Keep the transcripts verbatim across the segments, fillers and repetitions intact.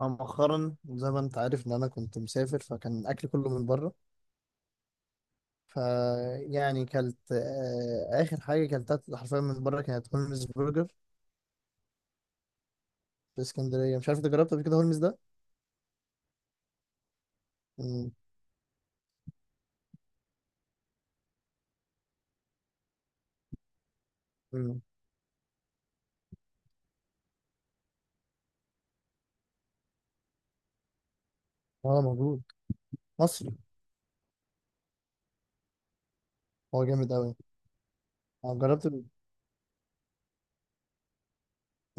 أنا مؤخرا زي ما أنت عارف إن أنا كنت مسافر فكان أكلي كله من بره. فيعني كلت آه، آخر حاجة كلتها حرفيا من بره كانت هولمز برجر في اسكندرية. مش عارف أنت جربت قبل كده هولمز ده؟ مم. مم. هو موجود. مصري. هو جامد أوي. أنا جربت.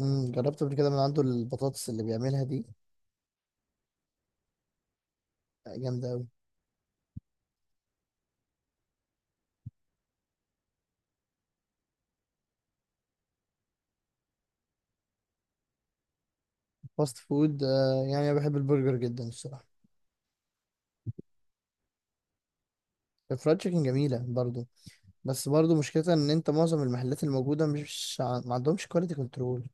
مم. جربت قبل كده من عنده البطاطس اللي بيعملها دي. آه، جامدة أوي. فاست فود آه، يعني أنا بحب البرجر جدا الصراحة. الفرايد تشيكن جميلة برضو. بس برضو مشكلتها إن أنت معظم المحلات الموجودة مش ع- ما عندهمش كواليتي كنترول.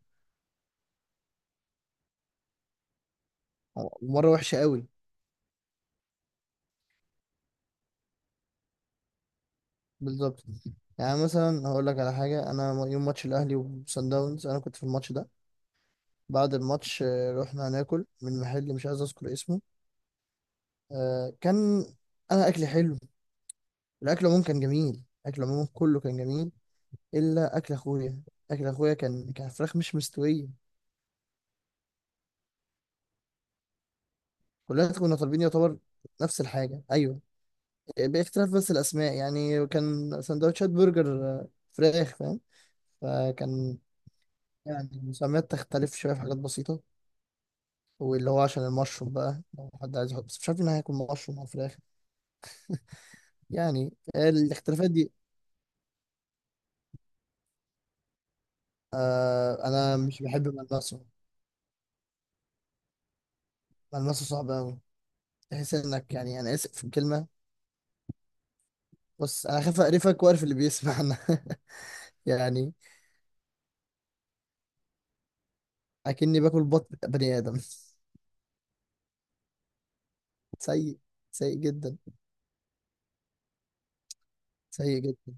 مره وحشه قوي. بالظبط. يعني مثلا هقول لك على حاجه، انا يوم ماتش الاهلي وصن داونز انا كنت في الماتش ده. بعد الماتش آه، رحنا ناكل من محل مش عايز اذكر اسمه. آه، كان انا اكلي حلو. الاكل عموما كان جميل. الاكل عموما كله كان جميل. الا اكل اخويا. اكل اخويا كان كان فراخ مش مستويه. كلنا كنا طالبين يعتبر نفس الحاجه، ايوه. آه، باختلاف بس الاسماء، يعني كان سندوتشات برجر آه، فراخ فاهم. فكان يعني المسميات تختلف شوية في حاجات بسيطة، واللي هو عشان المشروم بقى، لو حد عايز يحط، بس مش عارف ان هياكل مشروم على الفراخ. يعني الاختلافات دي. آه انا مش بحب ملمسه. ملمسه صعب قوي. تحس انك، يعني انا اسف في الكلمة، بس انا خايف اقرفك واقرف اللي بيسمعنا. يعني اكني باكل بطن بني ادم. سيء. سيء جدا. سيء جدا.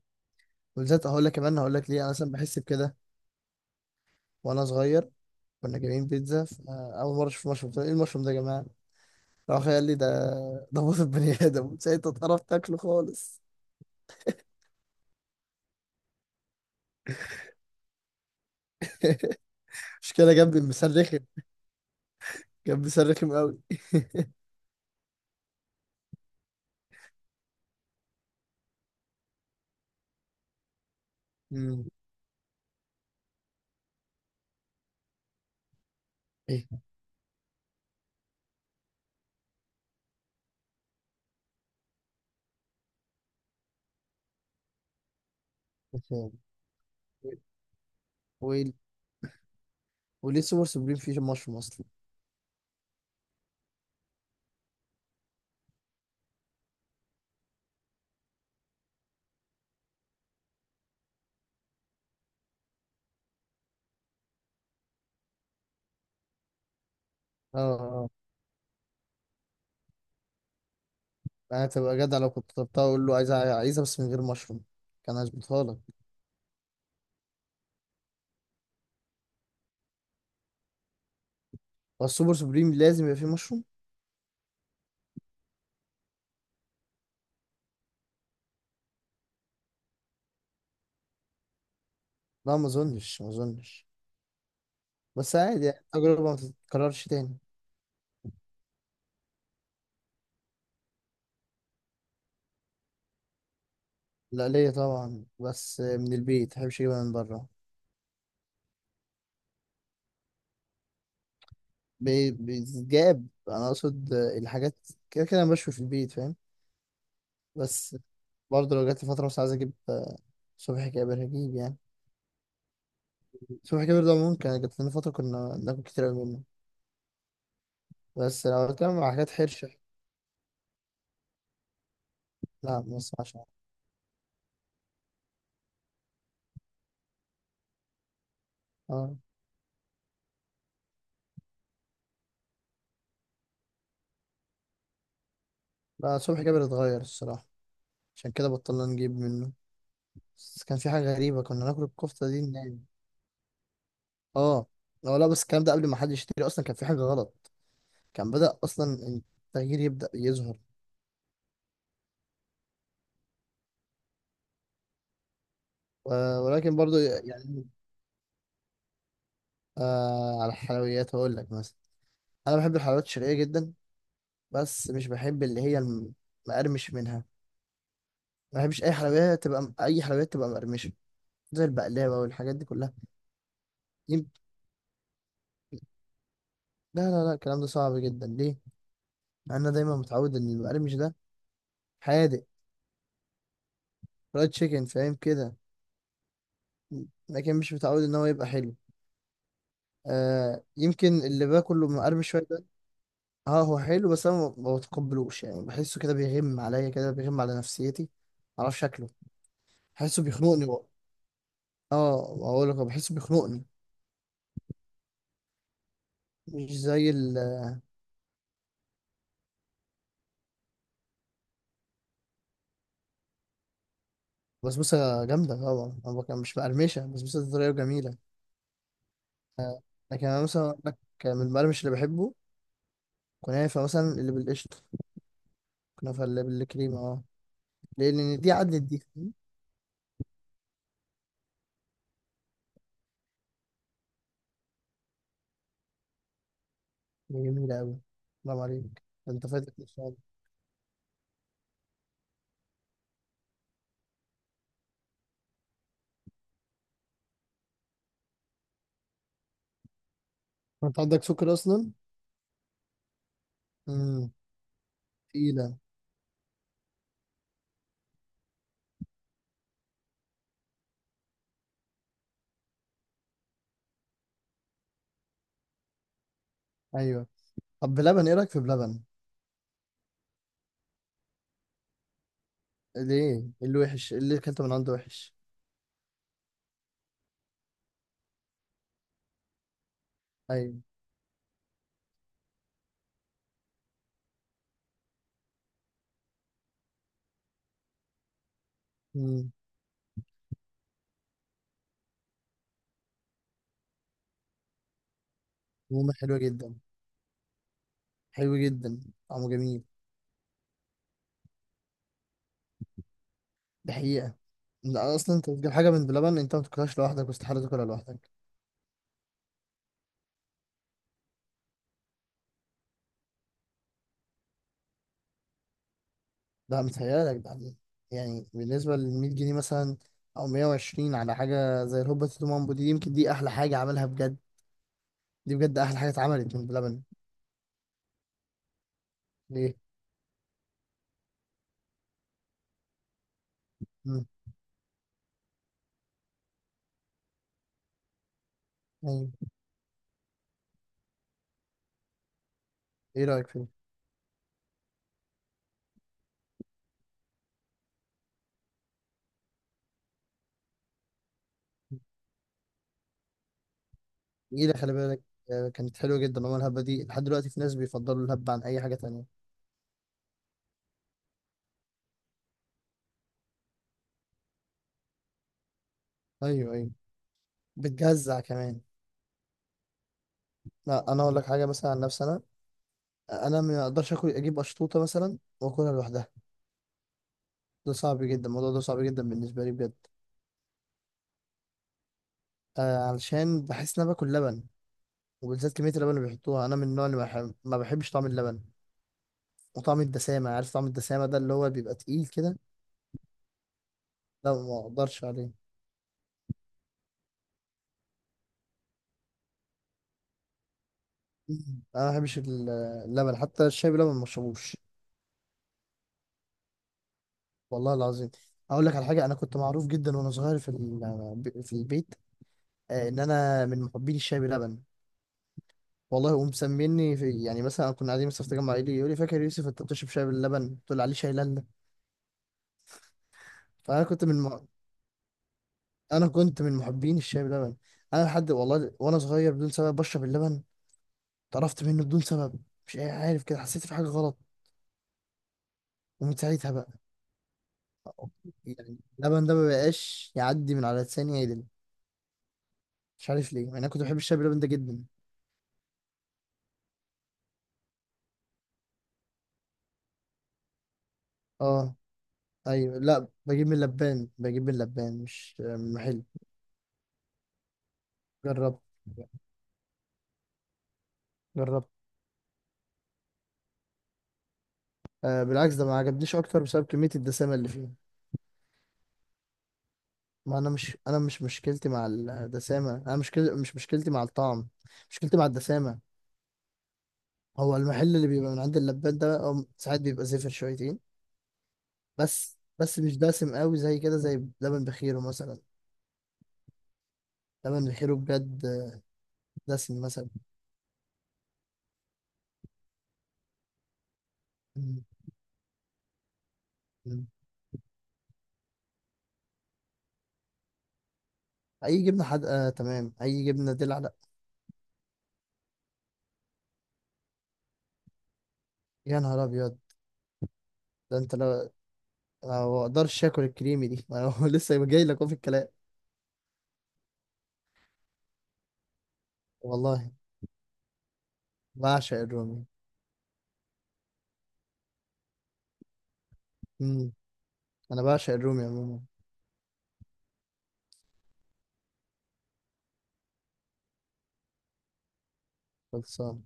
وبالذات هقول لك كمان، هقول لك ليه انا مثلا بحس بكده. وانا صغير كنا جايبين بيتزا، فاول مره اشوف مشروم قلت له، ايه المشروم ده يا جماعه؟ راح قال لي ده ده موت البني ادم. ساعتها اتقرفت اكله خالص. مش كده، جنبي مسرخم. جنبي مسرخم قوي. مم. ايه إيه تاني؟ وإيه- وليه سوبر سوبريم فيه مشروم اصلا؟ اه، اه. انا تبقى جدع لو كنت طلبتها، اقول له عايزها، عايزها بس من غير مشروم، كان هظبطها لك. هو السوبر سوبريم لازم يبقى فيه مشروم؟ لا، ما اظنش ما اظنش. بس عادي، يعني تجربة ما تتكررش تاني. لا ليا طبعا، بس من البيت مبحبش اجيبها من بره. بي- بيتجاب انا اقصد الحاجات. كده كده انا بشوي في البيت فاهم. بس برضه لو جات لي فتره مثلا عايز اجيب آه، صبحي كابر هجيب يعني. صبحي كابر ده ممكن جات لنا فتره كنا ناكل كتير قوي منه. بس لو بتكلم على حاجات حرشه. لا ما اسمعش عنه. اه. لا، صبحي كابر اتغير الصراحه، عشان كده بطلنا نجيب منه. بس كان في حاجه غريبه كنا ناكل الكفته دي نايم. اه. لا لا، بس الكلام ده قبل ما حد يشتري اصلا كان في حاجه غلط. كان بدأ اصلا التغيير يبدأ يظهر. و- ولكن برضه يعني آه على الحلويات هقول لك مثلا، انا بحب الحلويات الشرقيه جدا. بس مش بحب اللي هي المقرمش منها. ما بحبش اي حلويات تبقى م- اي حلويات تبقى مقرمشه، زي البقلاوه والحاجات دي كلها. يم- لا لا لا، الكلام ده صعب جدا ليه؟ مع إن انا دايما متعود ان المقرمش ده حادق، فرايد تشيكن فاهم كده. لكن مش متعود ان هو يبقى حلو. آه يمكن اللي باكله مقرمش شويه ده. اه هو حلو، بس انا ما ما بتقبلوش، يعني بحسه كده بيغم عليا، كده بيغم على نفسيتي. معرفش شكله. بحسه بيخنقني. اه بقول لك أنا بحسه بيخنقني. مش زي البسبوسه جامده طبعا، انا بك- مش مقرمشه البسبوسه دي، طريه وجميله. آه، لكن انا مثلا أقول لك، من المقرمش اللي بحبه كنافه مثلا اللي بالقشطه، كنافه اللي بالكريمه، اه. ليه؟ لان دي عدلت دي، فاهم؟ دي جميله قوي. برافو عليك. ده انت فاتك ان شاء الله. انت عندك سكر اصلا؟ امم. تقيله. ايوه. طب بلبن، ايه رايك في بلبن؟ ليه؟ إيه اللي وحش؟ إيه اللي اكلته من عنده وحش؟ ايوه. امم. حلوه جدا. حلو جدا. طعمه جميل. ده حقيقه. لا اصلا انت بتجيب حاجه من بلبن، انت ما بتاكلهاش لوحدك، واستحاله تاكلها لوحدك. ده متهيألك ده. يعني بالنسبه لل مية جنيه مثلا، او مية وعشرين على حاجه زي الهوبا تيتو مامبو دي، يمكن دي احلى حاجه عملها بجد، دي بجد احلى حاجه اتعملت من بلبن. ليه؟ امم. ايوه. ايه رايك فيه؟ جميله، خلي بالك. آه، كانت حلوه جدا عمر الهبه دي، لحد دلوقتي في ناس بيفضلوا الهبه عن اي حاجه تانية. ايوه، ايوه. بتجزع كمان. لا انا اقول لك حاجه مثلا عن نفسي، انا انا ما اقدرش اكل اجيب اشطوطه مثلا واكلها لوحدها. ده صعب جدا، الموضوع ده صعب جدا بالنسبة لي بجد. آه علشان بحس ان انا باكل لبن. وبالذات كمية اللبن اللي بيحطوها، انا من النوع اللي بحب... ما بحبش طعم اللبن. وطعم الدسامة، عارف طعم الدسامة ده اللي هو بيبقى تقيل كده؟ لا ما اقدرش عليه. مم. انا ما بحبش ال- اللبن، حتى الشاي بلبن ما بشربوش. والله العظيم اقول لك على حاجة، انا كنت معروف جدا وانا صغير في ال... في البيت آه ان انا من محبين الشاي بلبن. والله ومسميني، في يعني مثلا كنا قاعدين مثلا في تجمع عائلي، يقول لي: فاكر يوسف انت بتشرب شاي باللبن، قلت له عليه شاي لالا. فانا كنت من انا كنت من محبين الشاي بلبن. انا لحد، والله وانا صغير بدون سبب بشرب اللبن، اتقرفت منه بدون سبب. مش عارف، كده حسيت في حاجه غلط، ومن ساعتها بقى يعني اللبن ده ما بقاش يعدي من على لساني عدل. مش عارف ليه، يعني انا كنت بحب الشاي بلبن ده جدا. اه، ايوه. لا بجيب من لبان، بجيب من لبان مش آه، من محل. جربت. جربت. آه بالعكس ده ما عجبنيش اكتر بسبب كميه الدسامه اللي فيه. ما انا مش، انا مش مشكلتي مع الدسامه، انا مشكلتي، مش مشكلتي مع الطعم، مشكلتي مع الدسامه. هو المحل اللي بيبقى من عند اللبان ده أو ساعات بيبقى زفر شويتين. بس بس مش دسم قوي زي كده، زي لبن بخيره مثلا. لبن بخيره بجد دسم مثلا. م- م. اي جبنه حادقه آه، تمام. اي جبنه دلع لا. يا نهار ابيض. ده انت لو أنا ما اقدرش اكل الكريمي دي، ما هو لسه جاي لك أهو في الكلام. والله بعشق الرومي. م. انا بعشق الرومي عموما. خلصان.